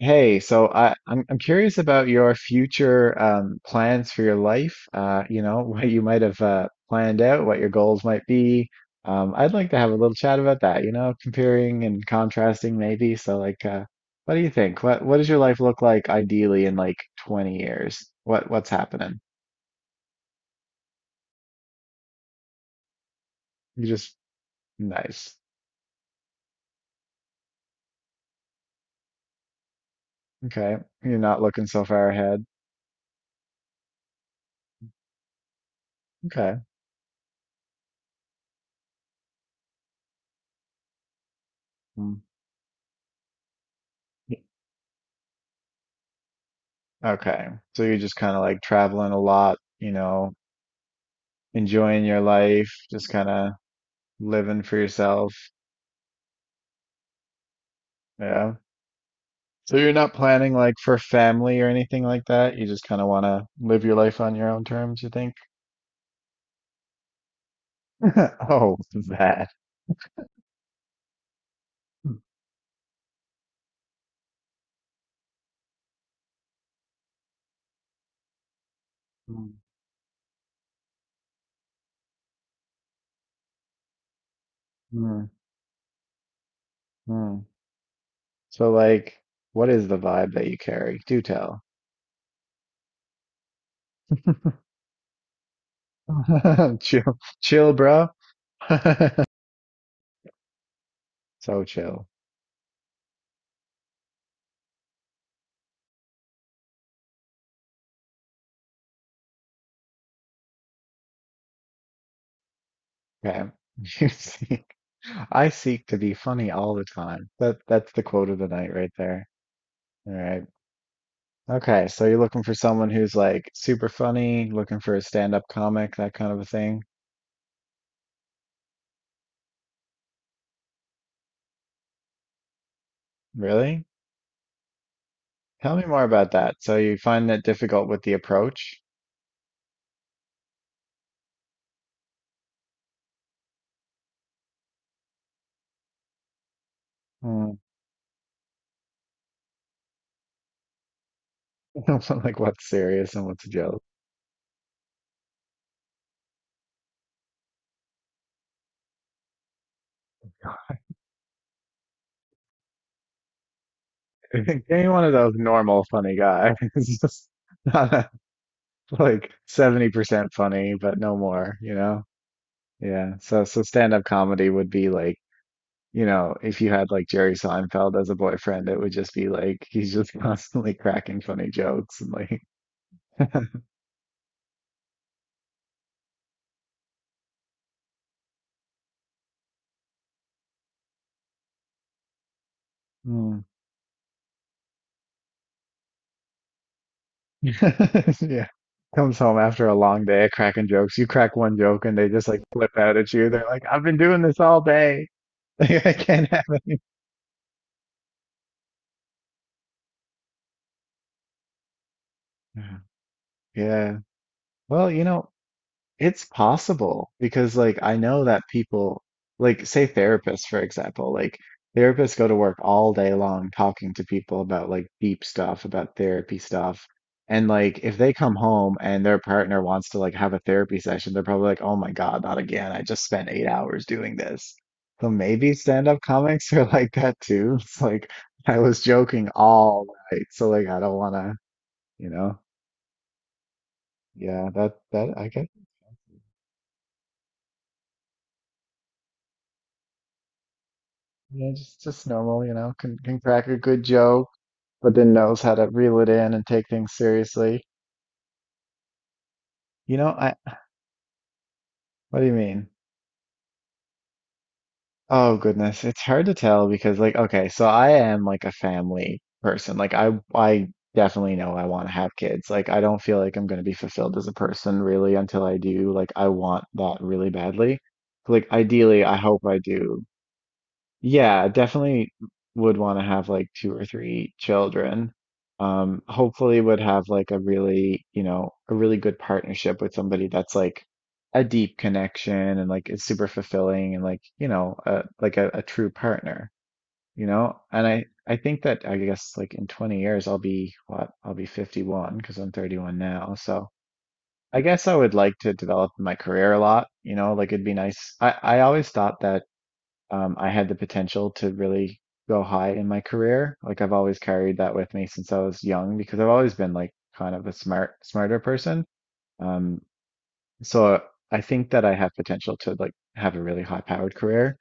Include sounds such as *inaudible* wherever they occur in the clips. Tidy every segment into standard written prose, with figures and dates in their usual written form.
Hey, so I'm curious about your future plans for your life. *laughs* What you might have planned out, what your goals might be. I'd like to have a little chat about that. Comparing and contrasting maybe. So, like, what do you think? What does your life look like ideally in like 20 years? What's happening? You just Nice. Okay, you're not looking so far ahead. Okay. Mm. Okay. So you're just kind of like traveling a lot, enjoying your life, just kind of living for yourself. Yeah. So you're not planning like for family or anything like that. You just kind of want to live your life on your own terms, you think? *laughs* Oh, that. Mm, mm, mm. So like, what is the vibe that you carry? Do tell. *laughs* Chill, chill, bro. *laughs* So chill. Okay. *laughs* You seek, I seek to be funny all the time. That's the quote of the night right there. All right. Okay, so you're looking for someone who's like super funny, looking for a stand-up comic, that kind of a thing. Really? Tell me more about that. So you find that difficult with the approach? Mm. *laughs* Like what's serious and what's a joke? *laughs* Give me one of those normal funny guys. *laughs* It's just not a- like 70% funny, but no more, you know? Yeah. So stand-up comedy would be like, if you had like Jerry Seinfeld as a boyfriend, it would just be like he's just *laughs* constantly cracking funny jokes and like. Mm. *laughs* Yeah. Comes home after a long day of cracking jokes. You crack one joke and they just like flip out at you. They're like, I've been doing this all day. *laughs* Like, I can't have it. Yeah. Yeah. Well, it's possible because like I know that people, like, say therapists, for example, like therapists go to work all day long talking to people about like deep stuff about therapy stuff. And like if they come home and their partner wants to like have a therapy session, they're probably like, oh my God, not again, I just spent 8 hours doing this. So maybe stand-up comics *laughs* are like that too. *laughs* It's like I was joking all night, so like I don't wanna, you know yeah, that I guess. Yeah, just normal, can crack a good joke, but then knows how to reel it in and take things seriously. You know, I What do you mean? Oh goodness, it's hard to tell because like, okay, so I am like a family person. Like I definitely know I want to have kids. Like I don't feel like I'm going to be fulfilled as a person really until I do. Like I want that really badly. Like ideally, I hope I do. Yeah, definitely would want to have like two or three children. Hopefully would have like a really, a really good partnership with somebody that's like a deep connection and like is super fulfilling and like, like a true partner, you know? And I think that I guess like in 20 years I'll be what? I'll be 51 because I'm 31 now. So I guess I would like to develop my career a lot, like it'd be nice. I always thought that I had the potential to really go high in my career. Like I've always carried that with me since I was young because I've always been like kind of a smarter person. Um, so I think that I have potential to like have a really high powered career.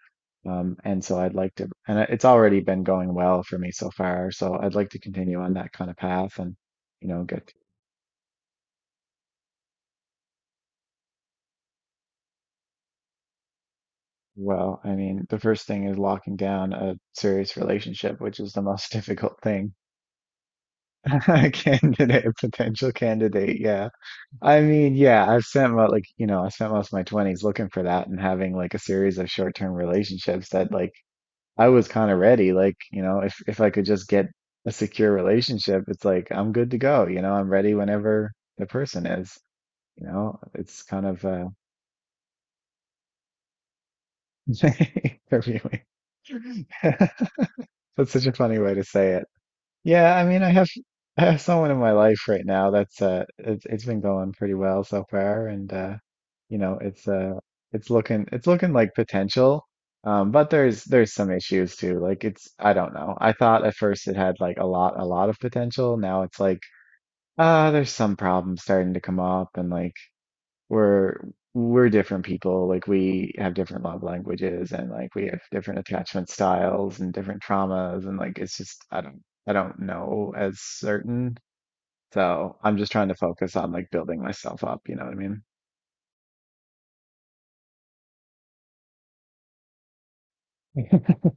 And so I'd like to, it's already been going well for me so far. So I'd like to continue on that kind of path and, you know, get Well, I mean, the first thing is locking down a serious relationship, which is the most *laughs* difficult thing *laughs* Candidate, a potential candidate, yeah. I mean, yeah, I've spent mo like, you know, I spent most of my 20s looking for that and having like a series of short-term relationships that like I was kind of ready. Like, if I could just get a secure relationship, it's like I'm good to go, I'm ready whenever the person is. It's kind of *laughs* interviewing. *laughs* That's such a funny way to say it. Yeah, I mean, I have *laughs* I have someone in my life right now that's it's been going pretty well so far and it's it's looking like potential. But there's some issues too. Like it's I don't know. I thought at first it had like a lot of potential. Now it's like, there's some problems starting to come up. And like we're we're different people. Like we have different love languages and like we have different attachment styles and different traumas. And like it's just, I don't know as certain, so I'm just trying to focus on like building myself up, you know what I mean? *laughs*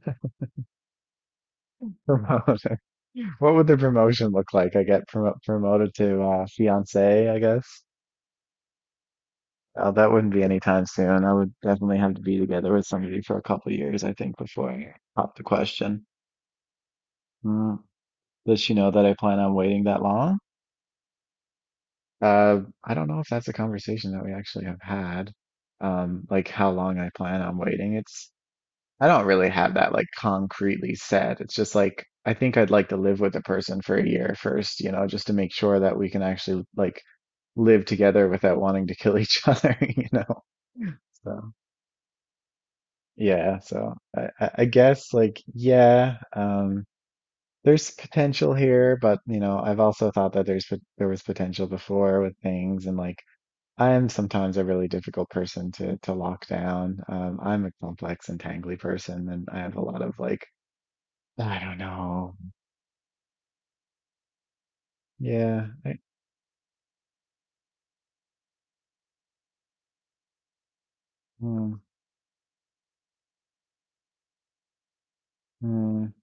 Promote, what would the promotion look like? I get promoted to fiance, I guess. Oh, that wouldn't be anytime soon. I would definitely have to be together with somebody for a couple years I think before I pop the question. Hmm. Does she know that I plan on waiting that long? I don't know if that's a conversation that we actually have had. Like how long I plan on waiting. It's I don't really have that like concretely said. It's just like I think I'd like to live with the person for a year first, just to make sure that we can actually like live together without wanting to kill each *laughs* other. So yeah, so I guess like yeah, there's potential here. But you know, I've also thought that there's there was potential before with things, and like I am sometimes a really difficult person to lock down. I'm a complex and tangly person, and I have a lot of like, I don't know. Yeah. Mm, mm,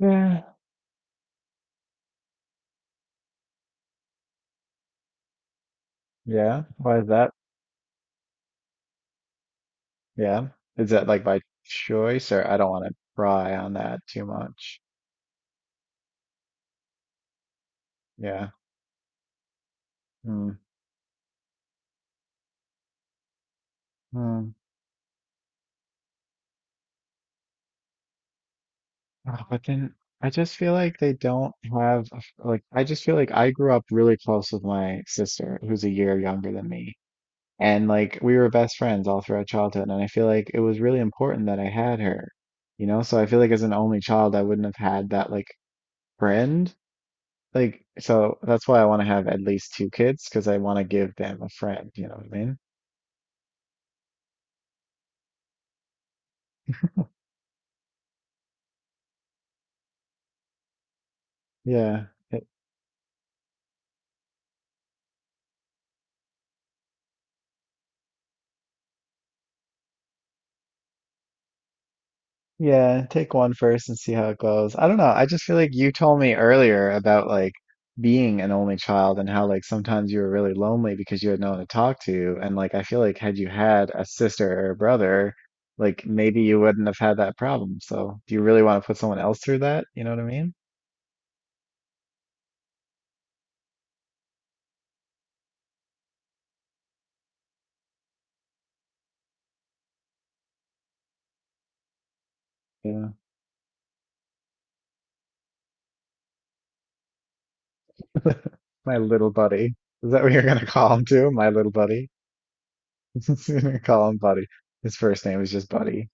yeah. Yeah. Why is that? Yeah. Is that like by choice, or I don't want to pry on that too much? Yeah. Mm, mm. Ah, but then I just feel like they don't have like I just feel like I grew up really close with my sister who's a year younger than me. And like we were best friends all throughout childhood and I feel like it was really important that I had her. You know, so I feel like as an only child I wouldn't have had that like friend. Like so that's why I want to have at least two kids because I want to give them a friend, you know what I mean? Yeah. Yeah, take one first and see how it goes. I don't know. I just feel like you told me earlier about like being an only child and how like sometimes you were really lonely because you had no one to talk to. And like I feel like had you had a sister or a brother, like maybe you wouldn't have had that problem. So do you really want to put someone else through that? You know what I mean? Yeah. *laughs* My little buddy. Is that what you're gonna call him too? My little buddy. *laughs* You're gonna call him Buddy. His first name is just Buddy.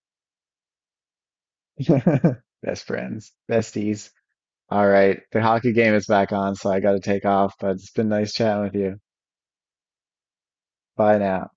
*laughs* Best friends, besties. All right, the hockey game is back on, so I got to take off, but it's been nice chatting with you. Bye now.